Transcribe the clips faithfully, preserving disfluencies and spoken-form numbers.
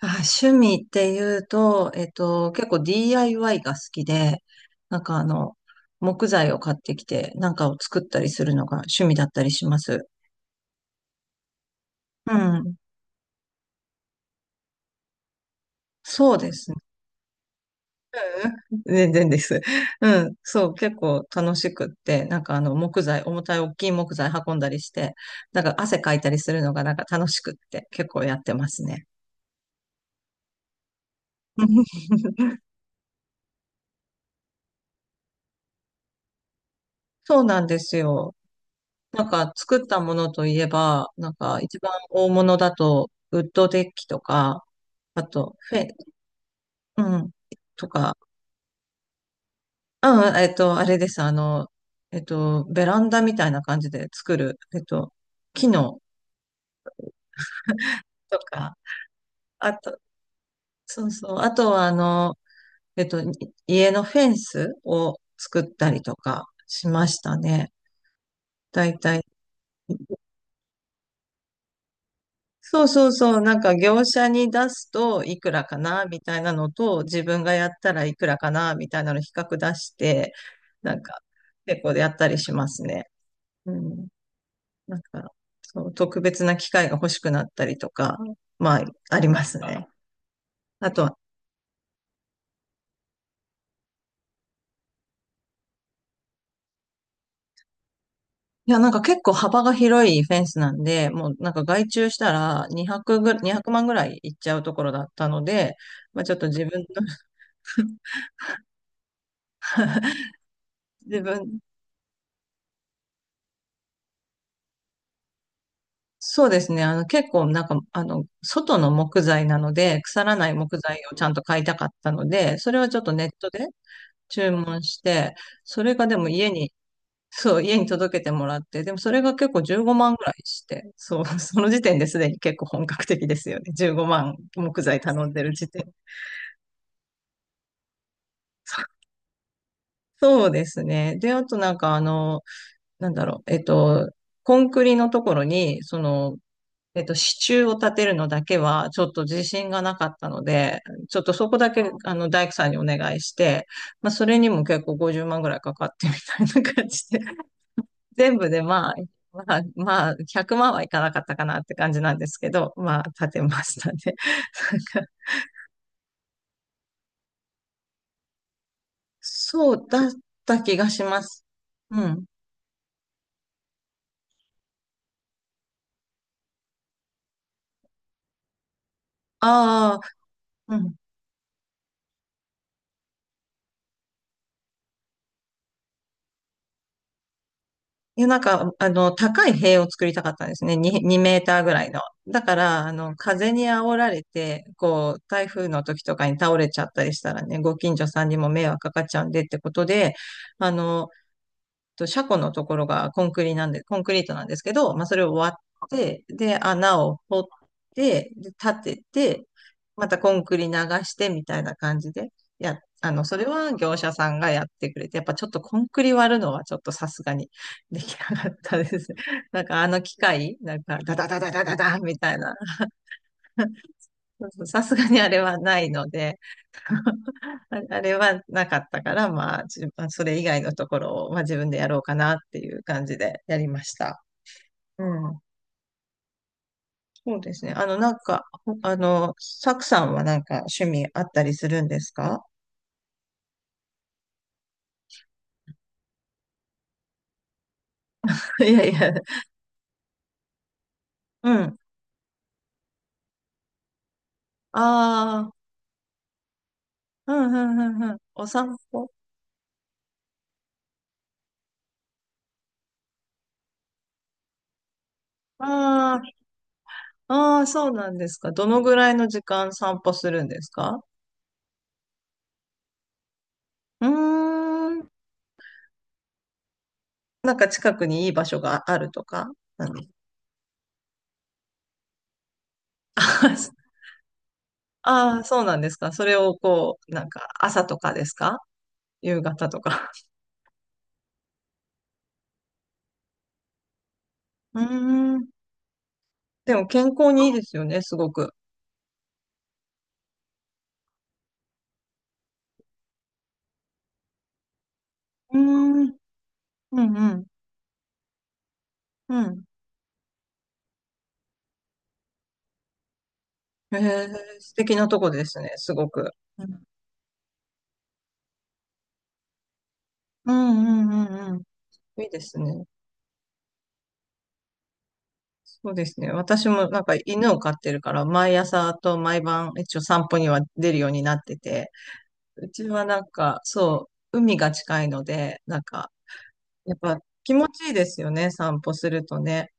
あ、趣味っていうと、えっと、結構 ディーアイワイ が好きで、なんかあの、木材を買ってきて、なんかを作ったりするのが趣味だったりします。うん。そうですね。うんうん全然です。うん。そう、結構楽しくって、なんかあの、木材、重たい大きい木材運んだりして、なんか汗かいたりするのがなんか楽しくって、結構やってますね。そうなんですよ。なんか作ったものといえば、なんか一番大物だと、ウッドデッキとか、あと、フェ、うん、とか、うん、えっと、あれです、あの、えっと、ベランダみたいな感じで作る、えっと、木のとか、あと、そうそう、あとはあの、えっと、い家のフェンスを作ったりとかしましたね。だいたいそうそうそう、なんか業者に出すといくらかなみたいなのと、自分がやったらいくらかなみたいなの比較出して、なんか結構やったりしますね。うん。なんか、そう、特別な機械が欲しくなったりとか、まあ、ありますね。あとは、いや、なんか結構幅が広いフェンスなんで、もうなんか外注したら200ぐ、にひゃくまんぐらいいっちゃうところだったので、まあちょっと自分の、自分そうですね。あの、結構なんか、あの、外の木材なので、腐らない木材をちゃんと買いたかったので、それはちょっとネットで注文して、それがでも家に、そう、家に届けてもらって、でもそれが結構じゅうごまんぐらいして、そう、その時点ですでに結構本格的ですよね。じゅうごまん木材頼んでる時点。そう、そうですね。で、あとなんかあの、なんだろう、えっと、コンクリのところに、その、えっと、支柱を立てるのだけは、ちょっと自信がなかったので、ちょっとそこだけ、あの、大工さんにお願いして、まあ、それにも結構ごじゅうまんぐらいかかってみたいな感じで、全部でまあ、まあ、まあ、ひゃくまんはいかなかったかなって感じなんですけど、まあ、立てましたね。なんかそうだった気がします。うん。ああ、うん。いや、なんか、あの、高い塀を作りたかったんですね。に、にメーターぐらいの。だから、あの、風に煽られて、こう、台風の時とかに倒れちゃったりしたらね、ご近所さんにも迷惑かかっちゃうんでってことで、あの、と、車庫のところがコンクリなんで、コンクリートなんですけど、まあ、それを割って、で、穴を掘って、で、立てて、またコンクリ流してみたいな感じで、や、あの、それは業者さんがやってくれて、やっぱちょっとコンクリ割るのはちょっとさすがに できなかったです。なんかあの機械、なんかダダダダダダダみたいな、さすがにあれはないので、ああれはなかったから、まあ、じまあそれ以外のところを、まあ、自分でやろうかなっていう感じでやりました。うん。そうですね。あの、なんか、ほあの、サクさんはなんか趣味あったりするんですか？ いやいや、うん。ああ、うん、うん、うん、うん。お散歩、ああ、ああ、そうなんですか。どのぐらいの時間散歩するんですか？うーん。なんか近くにいい場所があるとか？うんで、 ああ、そうなんですか。それをこう、なんか朝とかですか？夕方とか。うーん。でも健康にいいですよね、すごく。うーん。うんうん。うん。ええ、素敵なとこですね、すごく。うんうんうんうんうん。いいですね。そうですね。私もなんか犬を飼ってるから、毎朝と毎晩一応散歩には出るようになってて、うちはなんかそう、海が近いので、なんかやっぱ気持ちいいですよね、散歩するとね。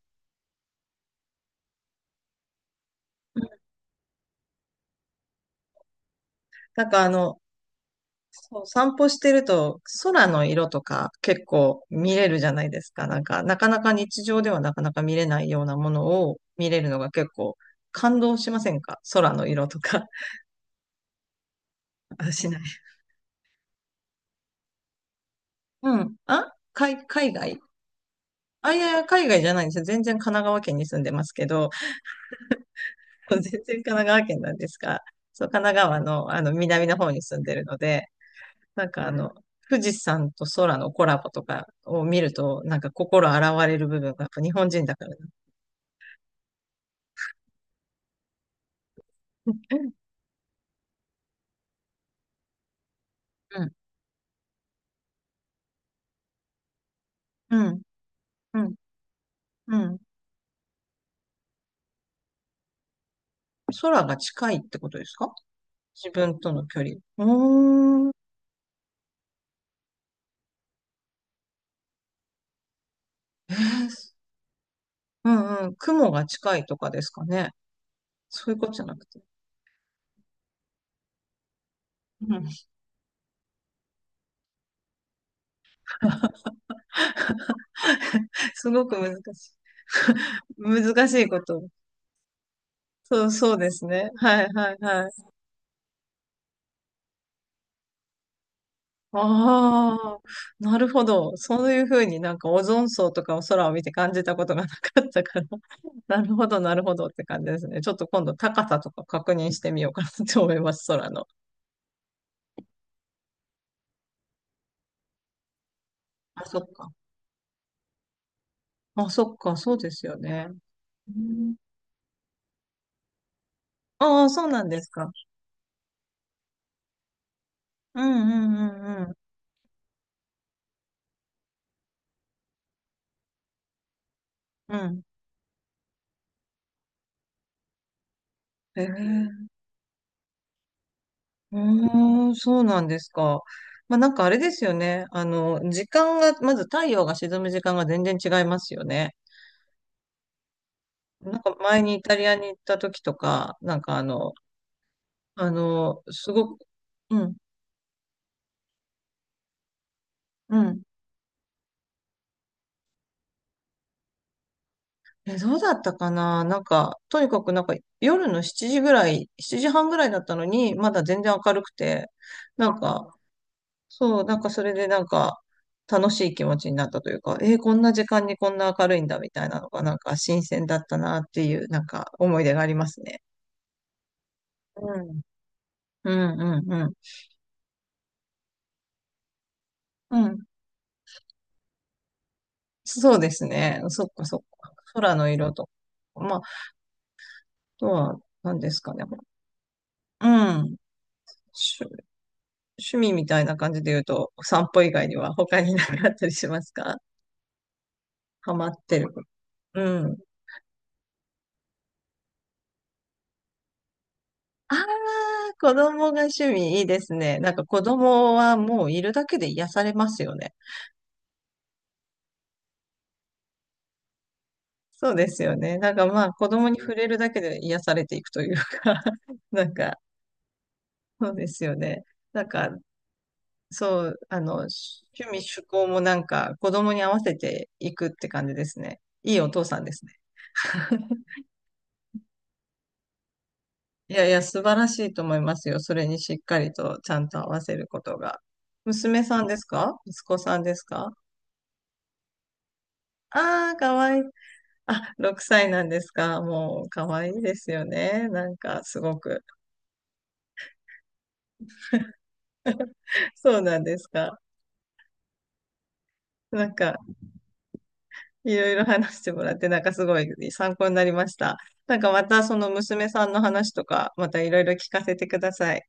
なんかあの、そう散歩してると空の色とか結構見れるじゃないですか。なんか、なかなか日常ではなかなか見れないようなものを見れるのが結構感動しませんか？空の色とか。あ、しない。うん。あ、海、海外、あ、いやいや、海外じゃないんですよ。全然神奈川県に住んでますけど、全然神奈川県なんですが、そう、神奈川の、あの、南の方に住んでるので、なんかあの、富士山と空のコラボとかを見ると、なんか心洗われる部分がやっぱ日本人だからな。うん、うん、うん、うん。空が近いってことですか？自分との距離。うーん。えーうんうん。雲が近いとかですかね。そういうことじゃなくて。うん、すごく難しい。難しいこと。そう、そうですね。はいはいはい。ああ、なるほど。そういうふうになんかオゾン層とかを空を見て感じたことがなかったから。なるほど、なるほどって感じですね。ちょっと今度高さとか確認してみようかなと思います、空の。あ、そっか。あ、そっか、そうですよね。ああー、そうなんですか。うんうんうんうん。うん。ええうーん、そうなんですか。まあなんかあれですよね。あの、時間が、まず太陽が沈む時間が全然違いますよね。なんか前にイタリアに行った時とか、なんかあの、あの、すごく、うん、うん。え、どうだったかな、なんか、とにかくなんか夜のしちじぐらい、しちじはんぐらいだったのに、まだ全然明るくて、なんか、そう、なんかそれでなんか、楽しい気持ちになったというか、えーこんな時間にこんな明るいんだみたいなのが、なんか新鮮だったなっていう、なんか思い出がありますね。うん。うん、うん、うん。うん。そうですね。そっかそっか。空の色とか。まあとは、何ですかね。うん。趣、趣味みたいな感じで言うと、お散歩以外には他になかったりしますか？ハマってる。うん。ああ、子供が趣味いいですね。なんか子供はもういるだけで癒されますよね。そうですよね。なんかまあ子供に触れるだけで癒されていくというか なんかそうですよね。なんかそう、あの、趣味趣向もなんか子供に合わせていくって感じですね。いいお父さんですね。いやいや、素晴らしいと思いますよ。それにしっかりとちゃんと合わせることが。娘さんですか？息子さんですか？ああー、かわいい。あ、ろくさいなんですか？もう、かわいいですよね。なんか、すごく。そうなんですか。なんか、いろいろ話してもらって、なんかすごい参考になりました。なんか、またその娘さんの話とか、またいろいろ聞かせてください。